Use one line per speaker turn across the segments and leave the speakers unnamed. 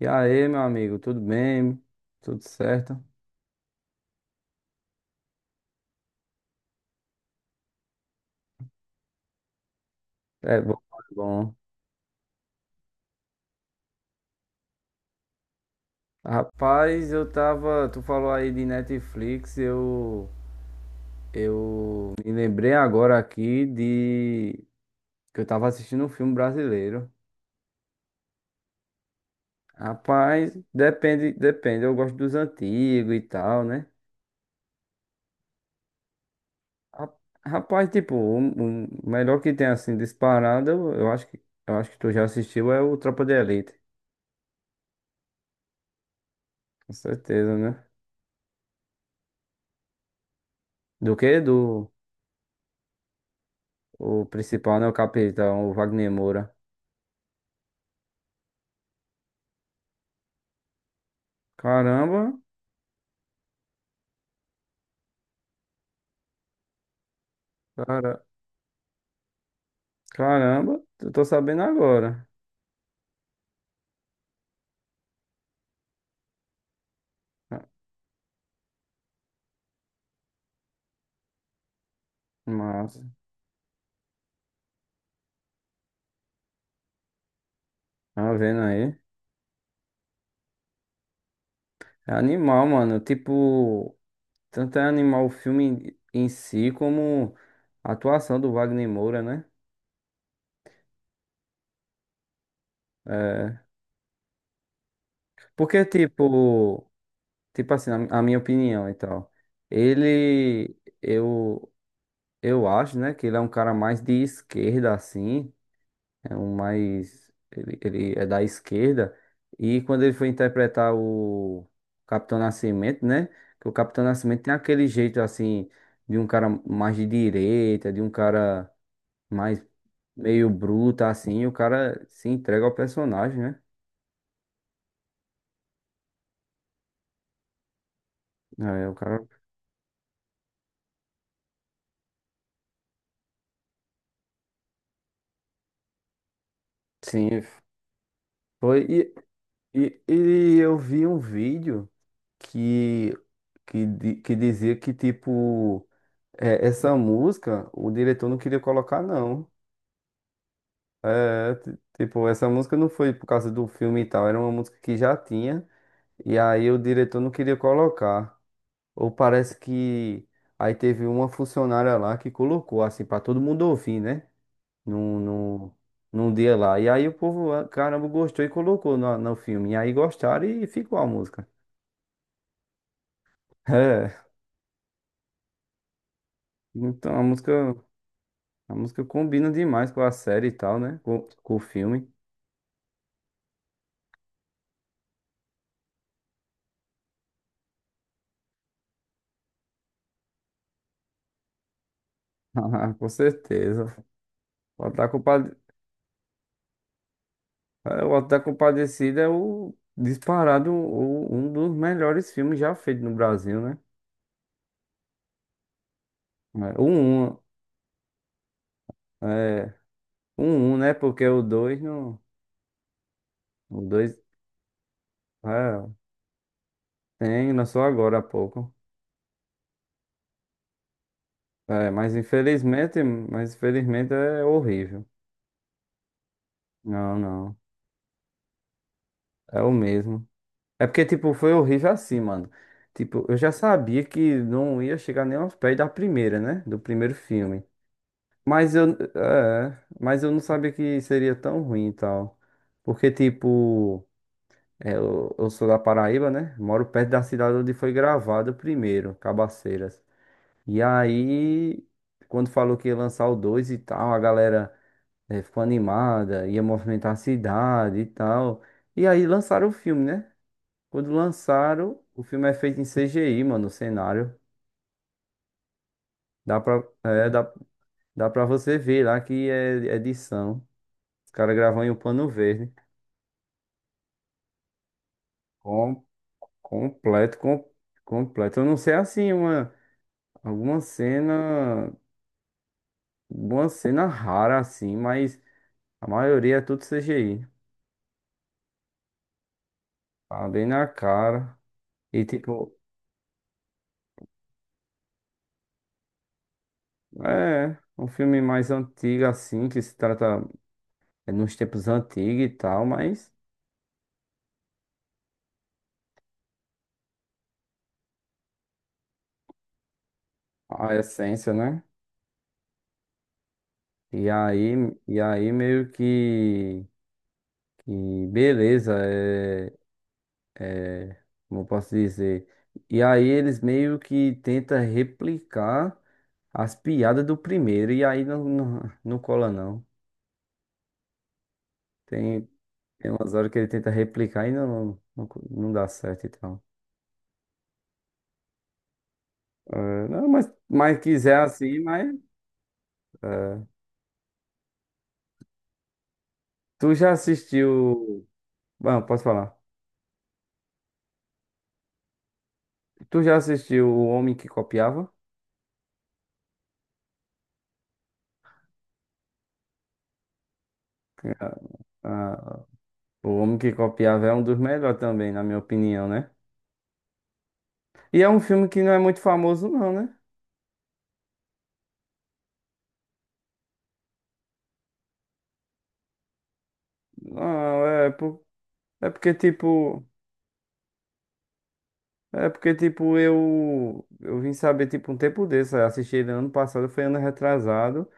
E aí, meu amigo, tudo bem? Tudo certo? É bom, é bom. Rapaz, eu tava. Tu falou aí de Netflix, eu. Eu me lembrei agora aqui de. Que eu tava assistindo um filme brasileiro. Rapaz, depende, depende. Eu gosto dos antigos e tal, né? Ra- Rapaz, tipo, o um, melhor que tem assim disparado, eu acho que. Eu acho que tu já assistiu é o Tropa de Elite. Com certeza, né? Do quê? Do. O principal, né? O capitão, o Wagner Moura. Caramba, cara, caramba, eu tô sabendo agora. Ah, massa, tá vendo aí? É animal, mano. Tipo, tanto é animal o filme em si, como a atuação do Wagner Moura, né? É, porque, tipo, tipo assim, a minha opinião e tal. Ele, eu, eu acho, né, que ele é um cara mais de esquerda, assim. É um mais. Ele é da esquerda. E quando ele foi interpretar o Capitão Nascimento, né? Que o Capitão Nascimento tem aquele jeito assim, de um cara mais de direita, de um cara mais meio bruto, assim. E o cara se entrega ao personagem, né? É, o cara. Sim, foi. E eu vi um vídeo que, que, que dizia que, tipo, é, essa música o diretor não queria colocar, não. É, tipo, essa música não foi por causa do filme e tal, era uma música que já tinha, e aí o diretor não queria colocar. Ou parece que aí teve uma funcionária lá que colocou, assim, pra todo mundo ouvir, né? Num, num, num dia lá. E aí o povo, ah, caramba, gostou e colocou no, no filme. E aí gostaram e ficou a música. É, então a música combina demais com a série e tal, né? Com o filme. Com certeza. Pode estar culpado. Ah, O Auto da Compadecida é o disparado um dos melhores filmes já feitos no Brasil, né? É, o um, é, o um, né? Porque o dois não, o dois é, tem, lançou agora há pouco. É, mas infelizmente é horrível. Não, não, é o mesmo. É porque tipo foi horrível assim, mano. Tipo, eu já sabia que não ia chegar nem aos pés da primeira, né? Do primeiro filme. Mas eu, é, mas eu não sabia que seria tão ruim e tal. Porque, tipo, é, eu sou da Paraíba, né? Moro perto da cidade onde foi gravado o primeiro, Cabaceiras. E aí, quando falou que ia lançar o 2 e tal, a galera é, ficou animada, ia movimentar a cidade e tal. E aí lançaram o filme, né? Quando lançaram, o filme é feito em CGI, mano, o cenário. Dá pra, é, dá, dá pra você ver lá que é é edição. Os caras gravam em um pano verde. Com, completo, com, completo. Eu não sei assim, uma, alguma cena, alguma cena rara assim, mas a maioria é tudo CGI. Tá bem na cara. E tipo, é um filme mais antigo assim, que se trata é, nos tempos antigos e tal, mas a essência, né? E aí, e aí meio que beleza, é como eu posso dizer. E aí eles meio que tentam replicar as piadas do primeiro, e aí não, não, não cola não. Tem, tem umas horas que ele tenta replicar e não, não, não dá certo e tal. É, não, mas quiser assim, mas. É. Tu já assistiu. Bom, posso falar. Tu já assistiu O Homem que Copiava? Ah, ah, o Homem que Copiava é um dos melhores também, na minha opinião, né? E é um filme que não é muito famoso, não, né? Não, é. É porque, tipo, é porque, tipo, eu vim saber, tipo, um tempo desse, eu assisti ele ano passado, foi ano retrasado,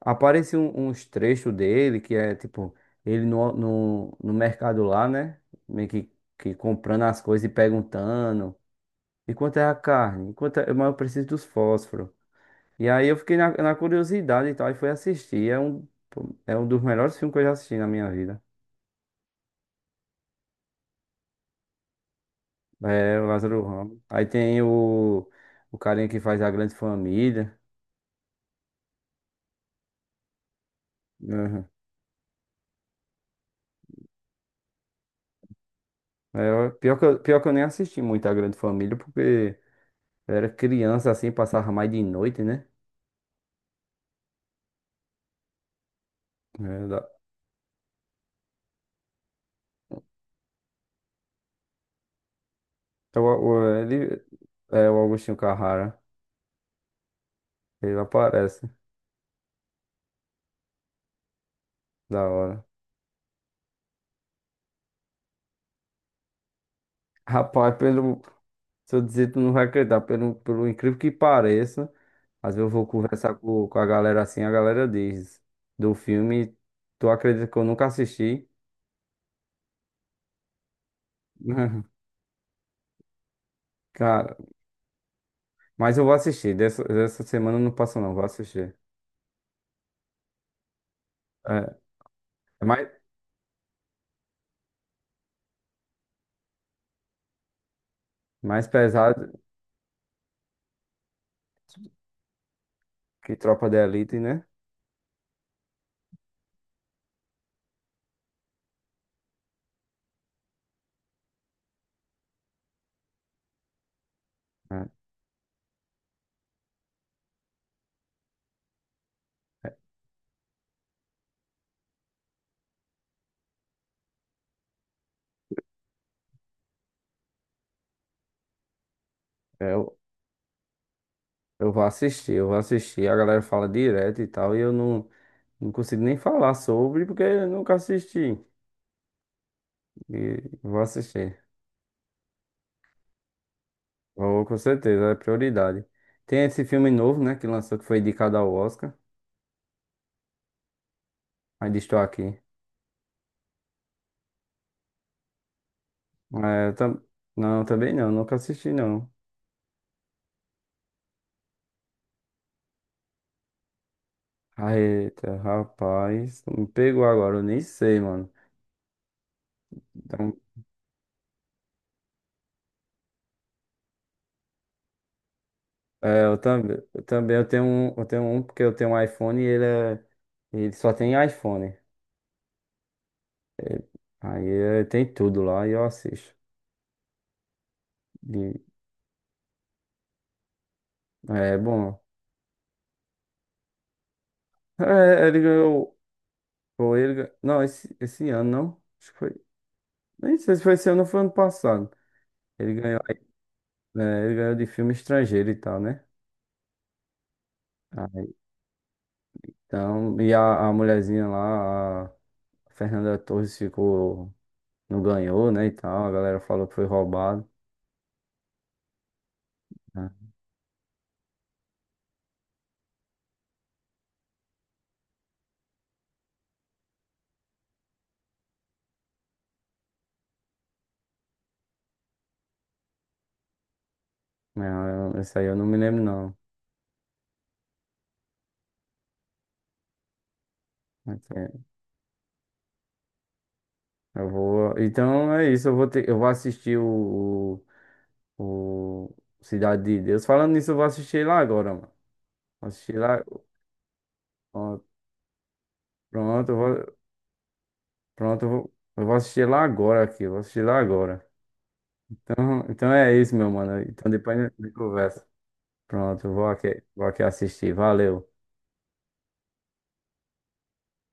apareceu uns trechos dele, que é, tipo, ele no, no, no mercado lá, né, meio que comprando as coisas e perguntando, e quanto é a carne, e quanto é, mas eu preciso dos fósforos, e aí eu fiquei na, na curiosidade e tal, e fui assistir, é um, pô, é um dos melhores filmes que eu já assisti na minha vida, é o Lázaro Ramos, aí tem o carinha que faz a grande família. Aham. É, pior que eu nem assisti muito a Grande Família, porque eu era criança assim, passava mais de noite, né? É, é o, ele, é o Agostinho Carrara. Ele aparece. Da hora. Rapaz, pelo. Se eu dizer, tu não vai acreditar, pelo, pelo incrível que pareça. Às vezes eu vou conversar com a galera assim, a galera diz do filme, tu acredita que eu nunca assisti? Cara, mas eu vou assistir. Dessa, dessa semana eu não passa não, vou assistir. É, mas, mais pesado que Tropa da Elite, né? É, eu vou assistir, eu vou assistir. A galera fala direto e tal, e eu não, não consigo nem falar sobre porque eu nunca assisti. E vou assistir. Vou, com certeza, é prioridade. Tem esse filme novo, né, que lançou, que foi indicado ao Oscar. Ainda estou aqui. É, eu tam... Não, também não, nunca assisti não. Ah, eita, rapaz, me pegou agora, eu nem sei, mano. Então, é, eu também, eu também eu tenho um porque eu tenho um iPhone e ele é, ele só tem iPhone. É, aí é, tem tudo lá e eu assisto. E é bom. É, ele ganhou, ou ele, não, esse ano não, acho que foi, nem sei se foi esse ano ou foi ano passado. Ele ganhou, é, ele ganhou de filme estrangeiro e tal, né? Aí, então, e a mulherzinha lá, a Fernanda Torres ficou, não ganhou, né, e tal, a galera falou que foi roubado. Né? Não, isso aí eu não me lembro, não. Mas, é, eu vou. Então é isso, eu vou ter... eu vou assistir o Cidade de Deus. Falando nisso, eu vou assistir lá agora, mano. Vou assistir lá. Ó, pronto, eu vou... pronto, eu vou assistir lá agora aqui. Eu vou assistir lá agora. Então, então é isso, meu mano. Então depois a gente conversa. Pronto, eu vou aqui assistir. Valeu.